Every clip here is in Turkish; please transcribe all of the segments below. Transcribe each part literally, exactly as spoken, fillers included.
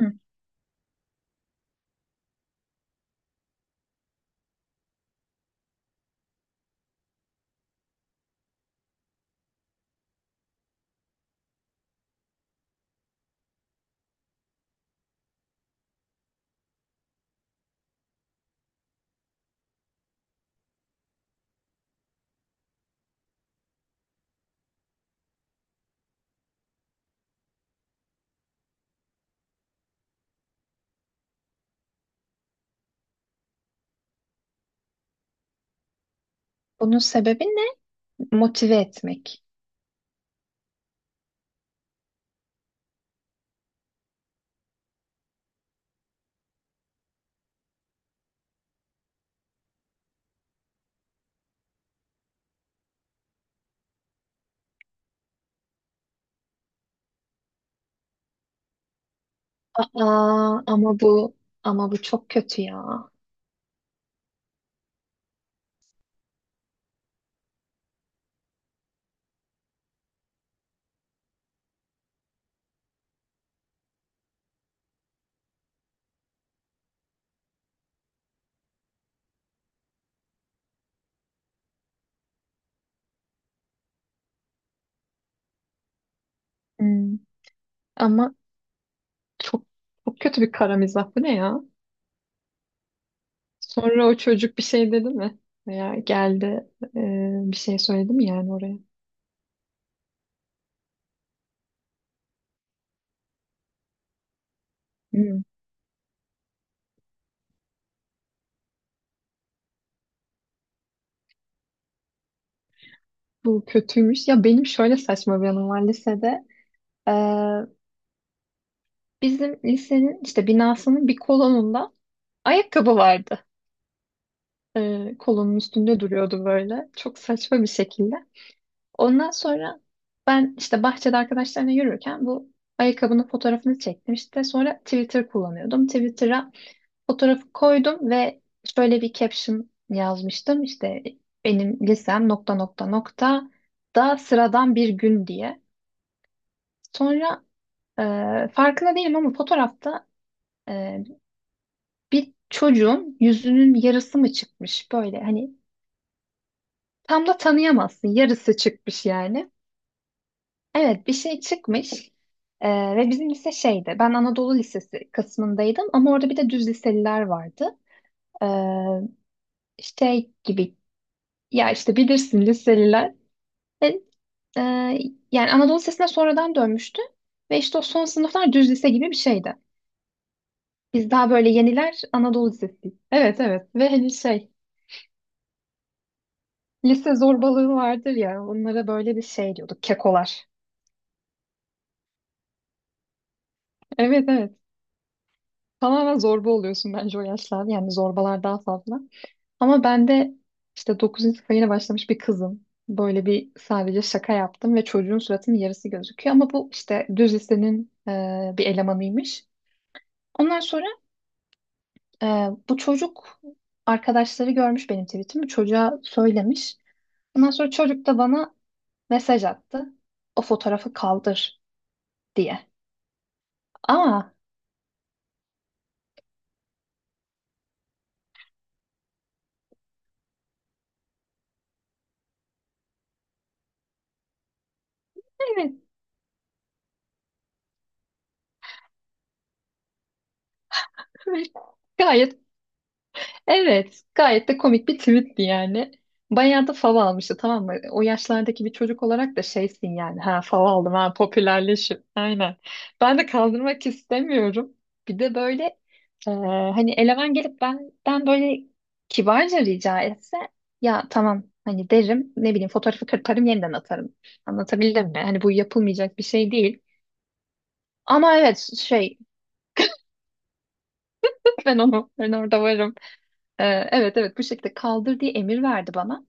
Hı. Bunun sebebi ne? Motive etmek. Aa, ama bu ama bu çok kötü ya. Hmm. Ama çok çok kötü bir kara mizah. Bu ne ya? Sonra o çocuk bir şey dedi mi? Veya geldi, e, bir şey söyledi mi yani oraya? Hmm. Bu kötüymüş. Ya benim şöyle saçma bir anım var lisede. E, Bizim lisenin işte binasının bir kolonunda ayakkabı vardı. E, kolonun üstünde duruyordu böyle. Çok saçma bir şekilde. Ondan sonra ben işte bahçede arkadaşlarla yürürken bu ayakkabının fotoğrafını çektim. İşte sonra Twitter kullanıyordum. Twitter'a fotoğrafı koydum ve şöyle bir caption yazmıştım. İşte benim lisem nokta nokta nokta da sıradan bir gün diye. Sonra e, farkında değilim ama fotoğrafta e, bir çocuğun yüzünün yarısı mı çıkmış böyle, hani tam da tanıyamazsın, yarısı çıkmış yani. Evet, bir şey çıkmış. Ee, ve bizim lise şeydi, ben Anadolu Lisesi kısmındaydım ama orada bir de düz liseliler vardı, ee, şey gibi, ya işte bilirsin liseliler. Ve, e, yani Anadolu Lisesi'ne sonradan dönmüştü ve işte o son sınıflar düz lise gibi bir şeydi, biz daha böyle yeniler Anadolu Lisesi, evet evet, ve hani şey, lise zorbalığı vardır ya, onlara böyle bir şey diyorduk, kekolar. Evet evet, tamamen zorba oluyorsun bence o yaşlarda, yani zorbalar daha fazla. Ama ben de işte dokuzuncu sınıfa yeni başlamış bir kızım. Böyle bir sadece şaka yaptım ve çocuğun suratının yarısı gözüküyor. Ama bu işte düz lisenin e, bir elemanıymış. Ondan sonra e, bu çocuk, arkadaşları görmüş benim tweetimi. Çocuğa söylemiş. Ondan sonra çocuk da bana mesaj attı. O fotoğrafı kaldır diye. Ama evet, gayet. Evet, gayet de komik bir tweetti yani. Bayağı da fav almıştı tamam mı? O yaşlardaki bir çocuk olarak da şeysin yani. Ha fav aldım, ha popülerleşim. Aynen. Ben de kaldırmak istemiyorum. Bir de böyle e, hani eleman gelip benden böyle kibarca rica etse, ya tamam hani derim, ne bileyim, fotoğrafı kırparım yeniden atarım. Anlatabildim mi? Hani bu yapılmayacak bir şey değil. Ama evet şey, ben onu ben orada varım. E, evet evet, bu şekilde kaldır diye emir verdi bana.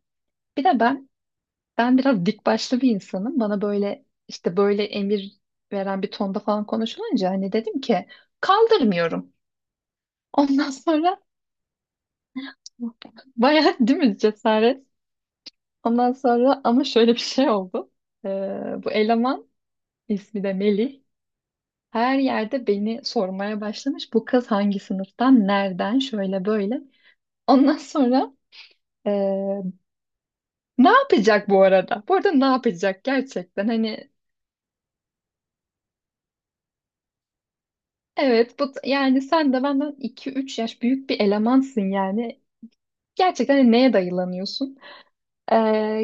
Bir de ben Ben biraz dik başlı bir insanım. Bana böyle işte böyle emir veren bir tonda falan konuşulunca hani dedim ki kaldırmıyorum. Ondan sonra, bayağı değil mi cesaret? Ondan sonra ama şöyle bir şey oldu. Ee, Bu eleman, ismi de Melih. Her yerde beni sormaya başlamış. Bu kız hangi sınıftan, nereden, şöyle böyle. Ondan sonra ee, ne yapacak bu arada? Bu arada ne yapacak gerçekten? Hani. Evet, bu yani sen de benden iki üç yaş büyük bir elemansın yani. Gerçekten hani neye dayılanıyorsun? Ee,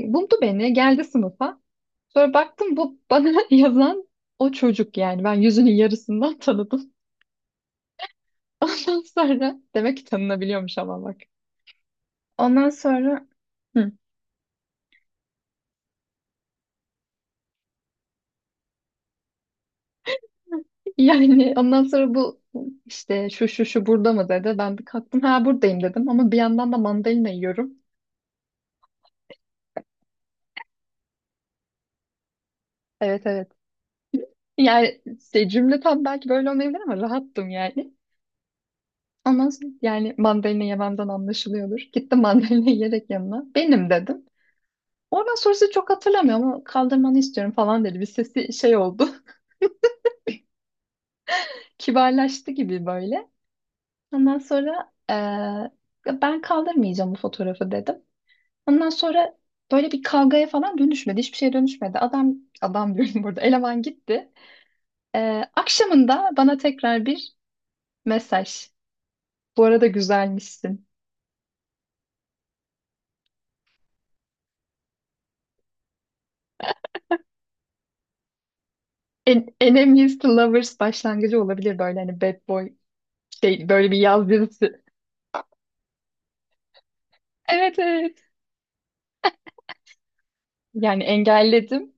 Buldu beni, geldi sınıfa. Sonra baktım bu bana yazan o çocuk yani. Ben yüzünün yarısından tanıdım. Ondan sonra demek ki tanınabiliyormuş ama bak. Ondan sonra. Hı. Yani ondan sonra bu işte şu şu şu burada mı dedi. Ben bir kalktım, ha buradayım dedim ama bir yandan da mandalina yiyorum. Evet evet. Yani işte cümle tam belki böyle olmayabilir ama rahattım yani. Ama yani mandalina yememden anlaşılıyordur. Gittim mandalina yiyerek yanına. Benim dedim. Oradan sonrası çok hatırlamıyorum ama kaldırmanı istiyorum falan dedi. Bir sesi şey oldu. Kibarlaştı gibi böyle. Ondan sonra eee, ben kaldırmayacağım bu fotoğrafı dedim. Ondan sonra böyle bir kavgaya falan dönüşmedi. Hiçbir şeye dönüşmedi. Adam, adam diyorum burada. Eleman gitti. Eee, akşamında bana tekrar bir mesaj. Bu arada güzelmişsin. En, Enemies to Lovers başlangıcı olabilir, böyle hani bad boy şey, böyle bir yaz dizisi. Evet evet. Yani engelledim.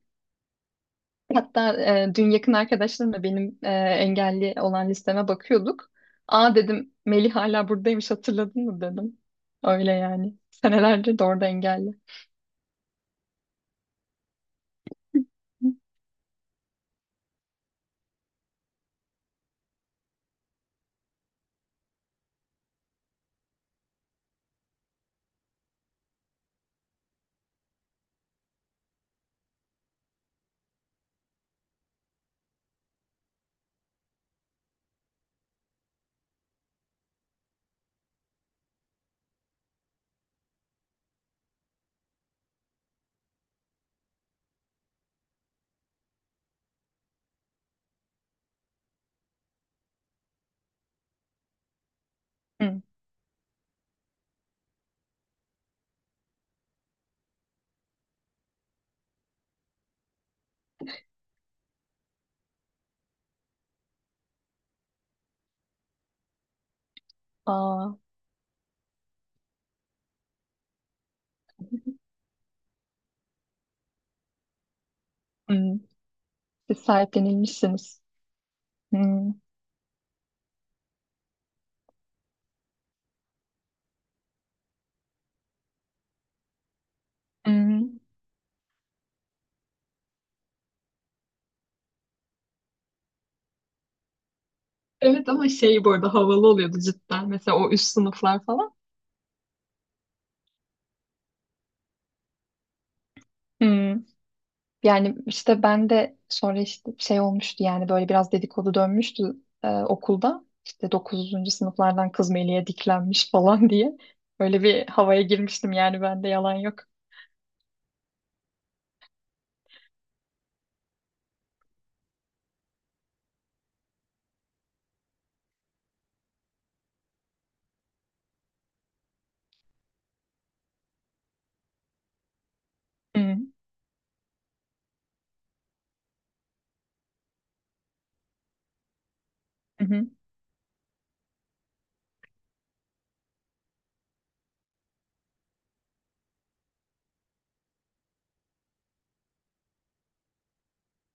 Hatta e, dün yakın arkadaşlarımla benim e, engelli olan listeme bakıyorduk. Aa dedim, Melih hala buradaymış, hatırladın mı dedim. Öyle yani. Senelerdir de orada engelli. Hı. Aa, hı. Siz sahiplenilmişsiniz. Hı. Hı. Evet ama şey, bu arada havalı oluyordu cidden. Mesela o üst sınıflar falan. Hı. Yani işte ben de sonra işte şey olmuştu yani, böyle biraz dedikodu dönmüştü e, okulda. İşte dokuzuncu sınıflardan kız Melih'e diklenmiş falan diye. Öyle bir havaya girmiştim yani, bende yalan yok. Hı hı. Hı.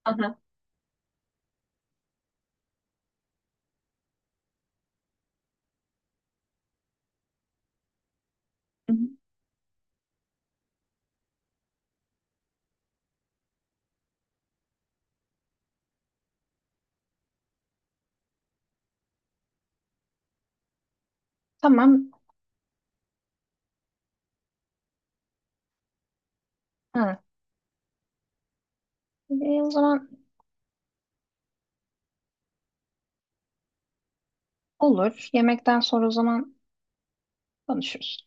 Aha. Hı hı. Tamam. Ha. E, O zaman olur. Yemekten sonra o zaman konuşuruz.